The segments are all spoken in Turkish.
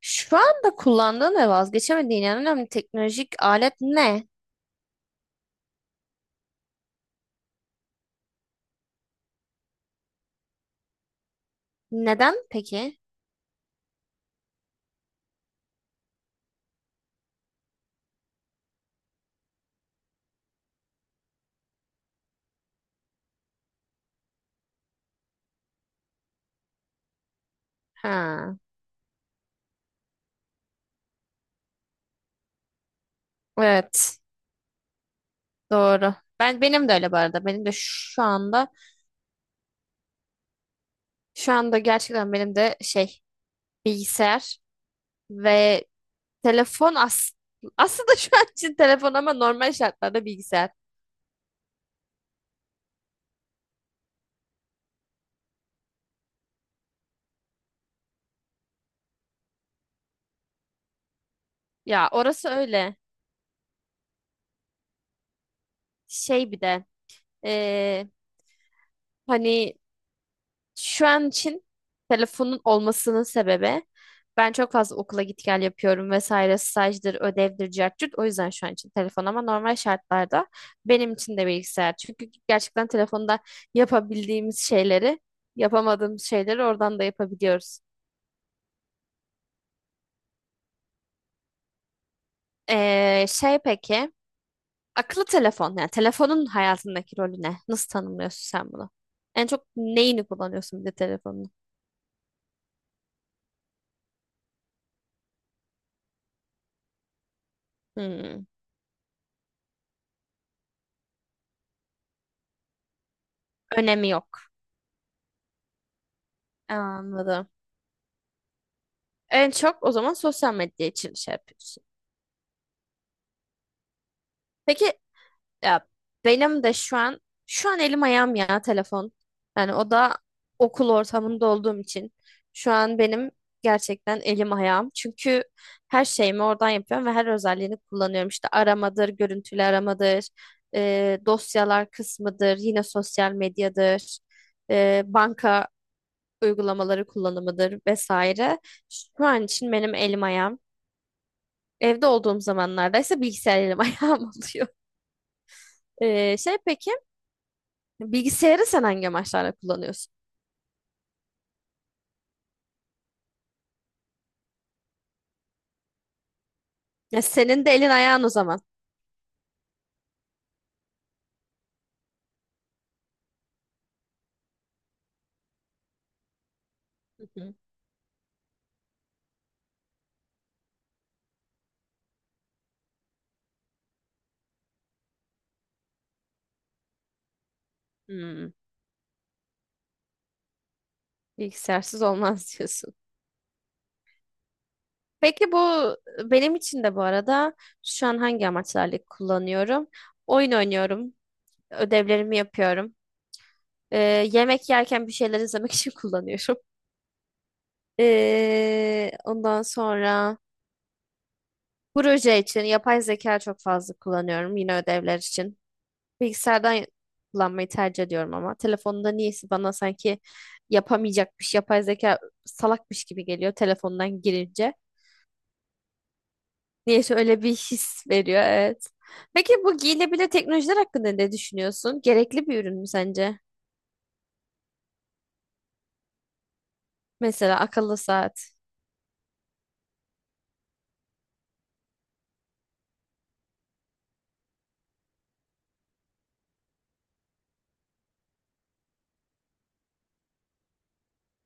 Şu anda kullandığın ve vazgeçemediğin en önemli teknolojik alet ne? Neden peki? Ha, evet, doğru. Benim de öyle bu arada. Benim de şu anda şu anda gerçekten benim de bilgisayar ve telefon aslında şu an için telefon ama normal şartlarda bilgisayar. Ya orası öyle. Şey bir de eee, hani Şu an için telefonun olmasının sebebi ben çok fazla okula git gel yapıyorum vesaire stajdır, ödevdir, cart curt. O yüzden şu an için telefon ama normal şartlarda benim için de bilgisayar. Çünkü gerçekten telefonda yapabildiğimiz şeyleri, yapamadığımız şeyleri oradan da yapabiliyoruz. Şey peki, akıllı telefon yani telefonun hayatındaki rolü ne? Nasıl tanımlıyorsun sen bunu? En çok neyini kullanıyorsun bir de telefonun? Hmm, önemi yok. Anladım. En çok o zaman sosyal medya için şey yapıyorsun. Peki ya benim de şu an şu an elim ayağım ya telefon. Yani o da okul ortamında olduğum için şu an benim gerçekten elim ayağım. Çünkü her şeyimi oradan yapıyorum ve her özelliğini kullanıyorum. İşte aramadır, görüntülü aramadır, dosyalar kısmıdır, yine sosyal medyadır, banka uygulamaları kullanımıdır vesaire. Şu an için benim elim ayağım. Evde olduğum zamanlarda ise bilgisayar elim ayağım oluyor. Şey peki bilgisayarı sen hangi amaçlarla kullanıyorsun? Ya senin de elin ayağın o zaman. Hı hı. Hmm, bilgisayarsız olmaz diyorsun. Peki bu benim için de bu arada şu an hangi amaçlarla kullanıyorum? Oyun oynuyorum, ödevlerimi yapıyorum. Ee, yemek yerken bir şeyler izlemek için kullanıyorum. Ondan sonra proje için yapay zeka çok fazla kullanıyorum yine ödevler için. Bilgisayardan kullanmayı tercih ediyorum ama telefonda niyeyse bana sanki yapamayacakmış, yapay zeka salakmış gibi geliyor telefondan girince. Niyeyse öyle bir his veriyor, evet. Peki bu giyilebilir teknolojiler hakkında ne düşünüyorsun? Gerekli bir ürün mü sence? Mesela akıllı saat,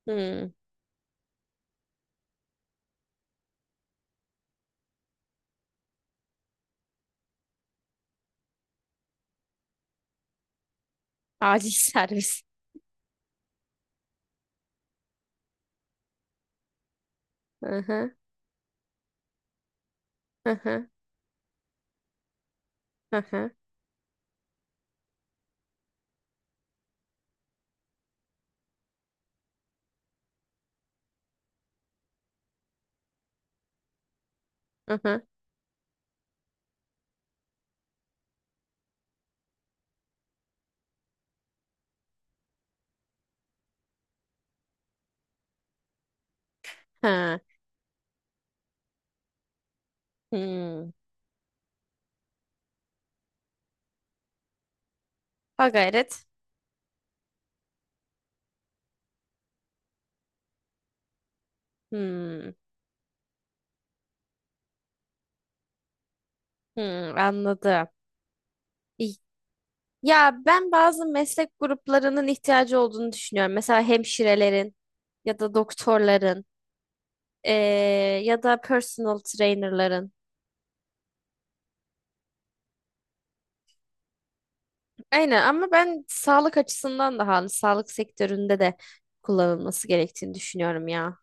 hmm, acil servis. Hı hı, hı hı, hı hı, hı hı, ha, hmm. Ha gayret. Hmm, hmm, anladım. Ya ben bazı meslek gruplarının ihtiyacı olduğunu düşünüyorum. Mesela hemşirelerin ya da doktorların ya da personal trainerların. Aynen ama ben sağlık açısından da hani sağlık sektöründe de kullanılması gerektiğini düşünüyorum ya.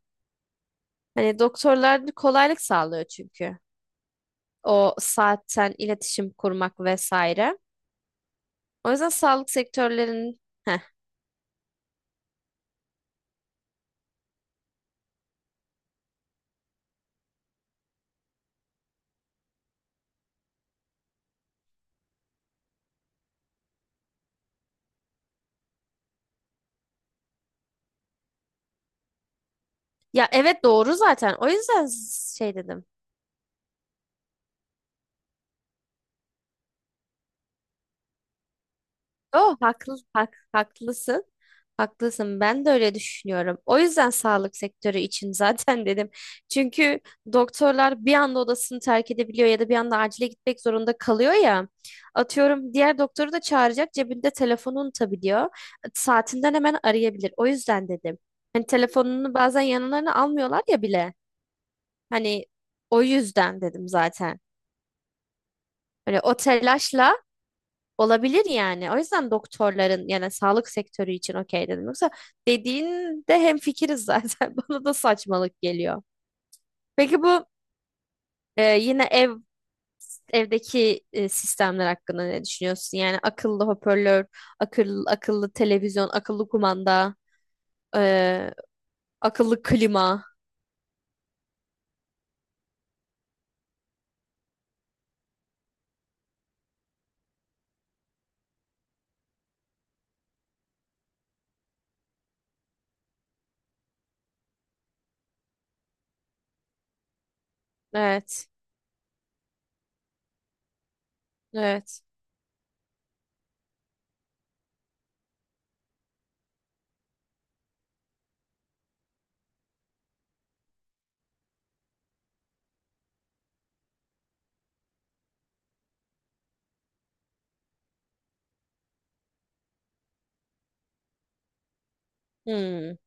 Hani doktorlar da kolaylık sağlıyor çünkü. O saatten iletişim kurmak vesaire. O yüzden sağlık sektörlerinin Heh. Ya evet doğru zaten. O yüzden şey dedim. Oh, haklı, hak, haklısın. Haklısın. Ben de öyle düşünüyorum. O yüzden sağlık sektörü için zaten dedim. Çünkü doktorlar bir anda odasını terk edebiliyor ya da bir anda acile gitmek zorunda kalıyor ya. Atıyorum diğer doktoru da çağıracak cebinde telefonunu unutabiliyor. Saatinden hemen arayabilir. O yüzden dedim. Hani telefonunu bazen yanlarına almıyorlar ya bile. Hani o yüzden dedim zaten. Hani o telaşla Olabilir yani. O yüzden doktorların yani sağlık sektörü için okey dedim. Yoksa dediğinde hemfikiriz zaten. Bana da saçmalık geliyor. Peki bu yine evdeki sistemler hakkında ne düşünüyorsun? Yani akıllı hoparlör, akıllı televizyon, akıllı kumanda, e, akıllı klima. Evet. Evet. Hmm,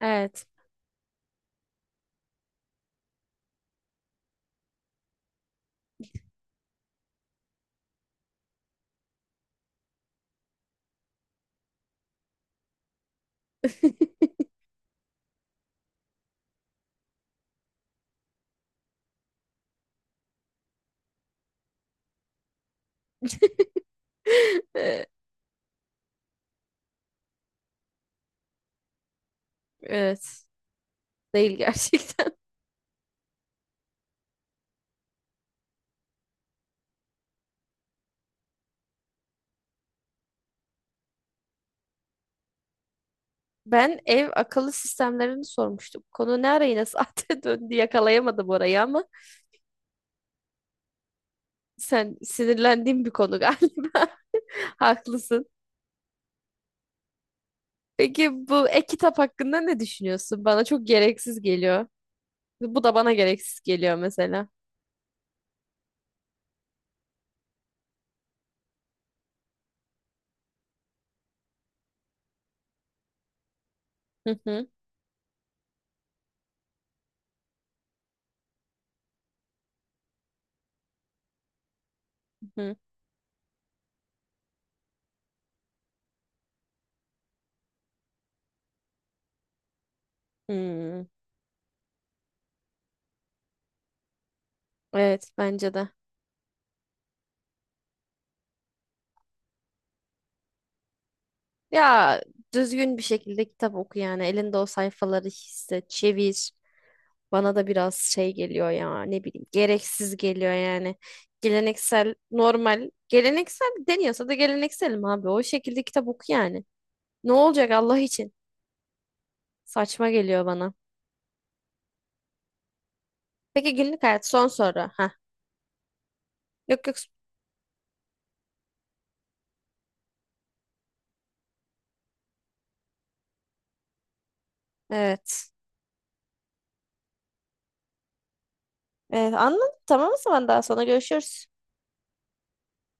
evet. E, Evet. Değil gerçekten. Ben ev akıllı sistemlerini sormuştum. Konu ne ara yine saate döndü yakalayamadım orayı ama sen sinirlendiğin bir konu galiba. Haklısın. Peki bu e-kitap hakkında ne düşünüyorsun? Bana çok gereksiz geliyor. Bu da bana gereksiz geliyor mesela. Hı hı hı. Hmm. Evet bence de. Ya düzgün bir şekilde kitap oku yani. Elinde o sayfaları hisset, çevir. Bana da biraz şey geliyor ya ne bileyim gereksiz geliyor yani. Geleneksel normal geleneksel deniyorsa da gelenekselim abi. O şekilde kitap oku yani. Ne olacak Allah için? Saçma geliyor bana. Peki günlük hayat son soru. Ha. Yok yok. Evet. Evet anladım. Tamam o zaman daha sonra görüşürüz.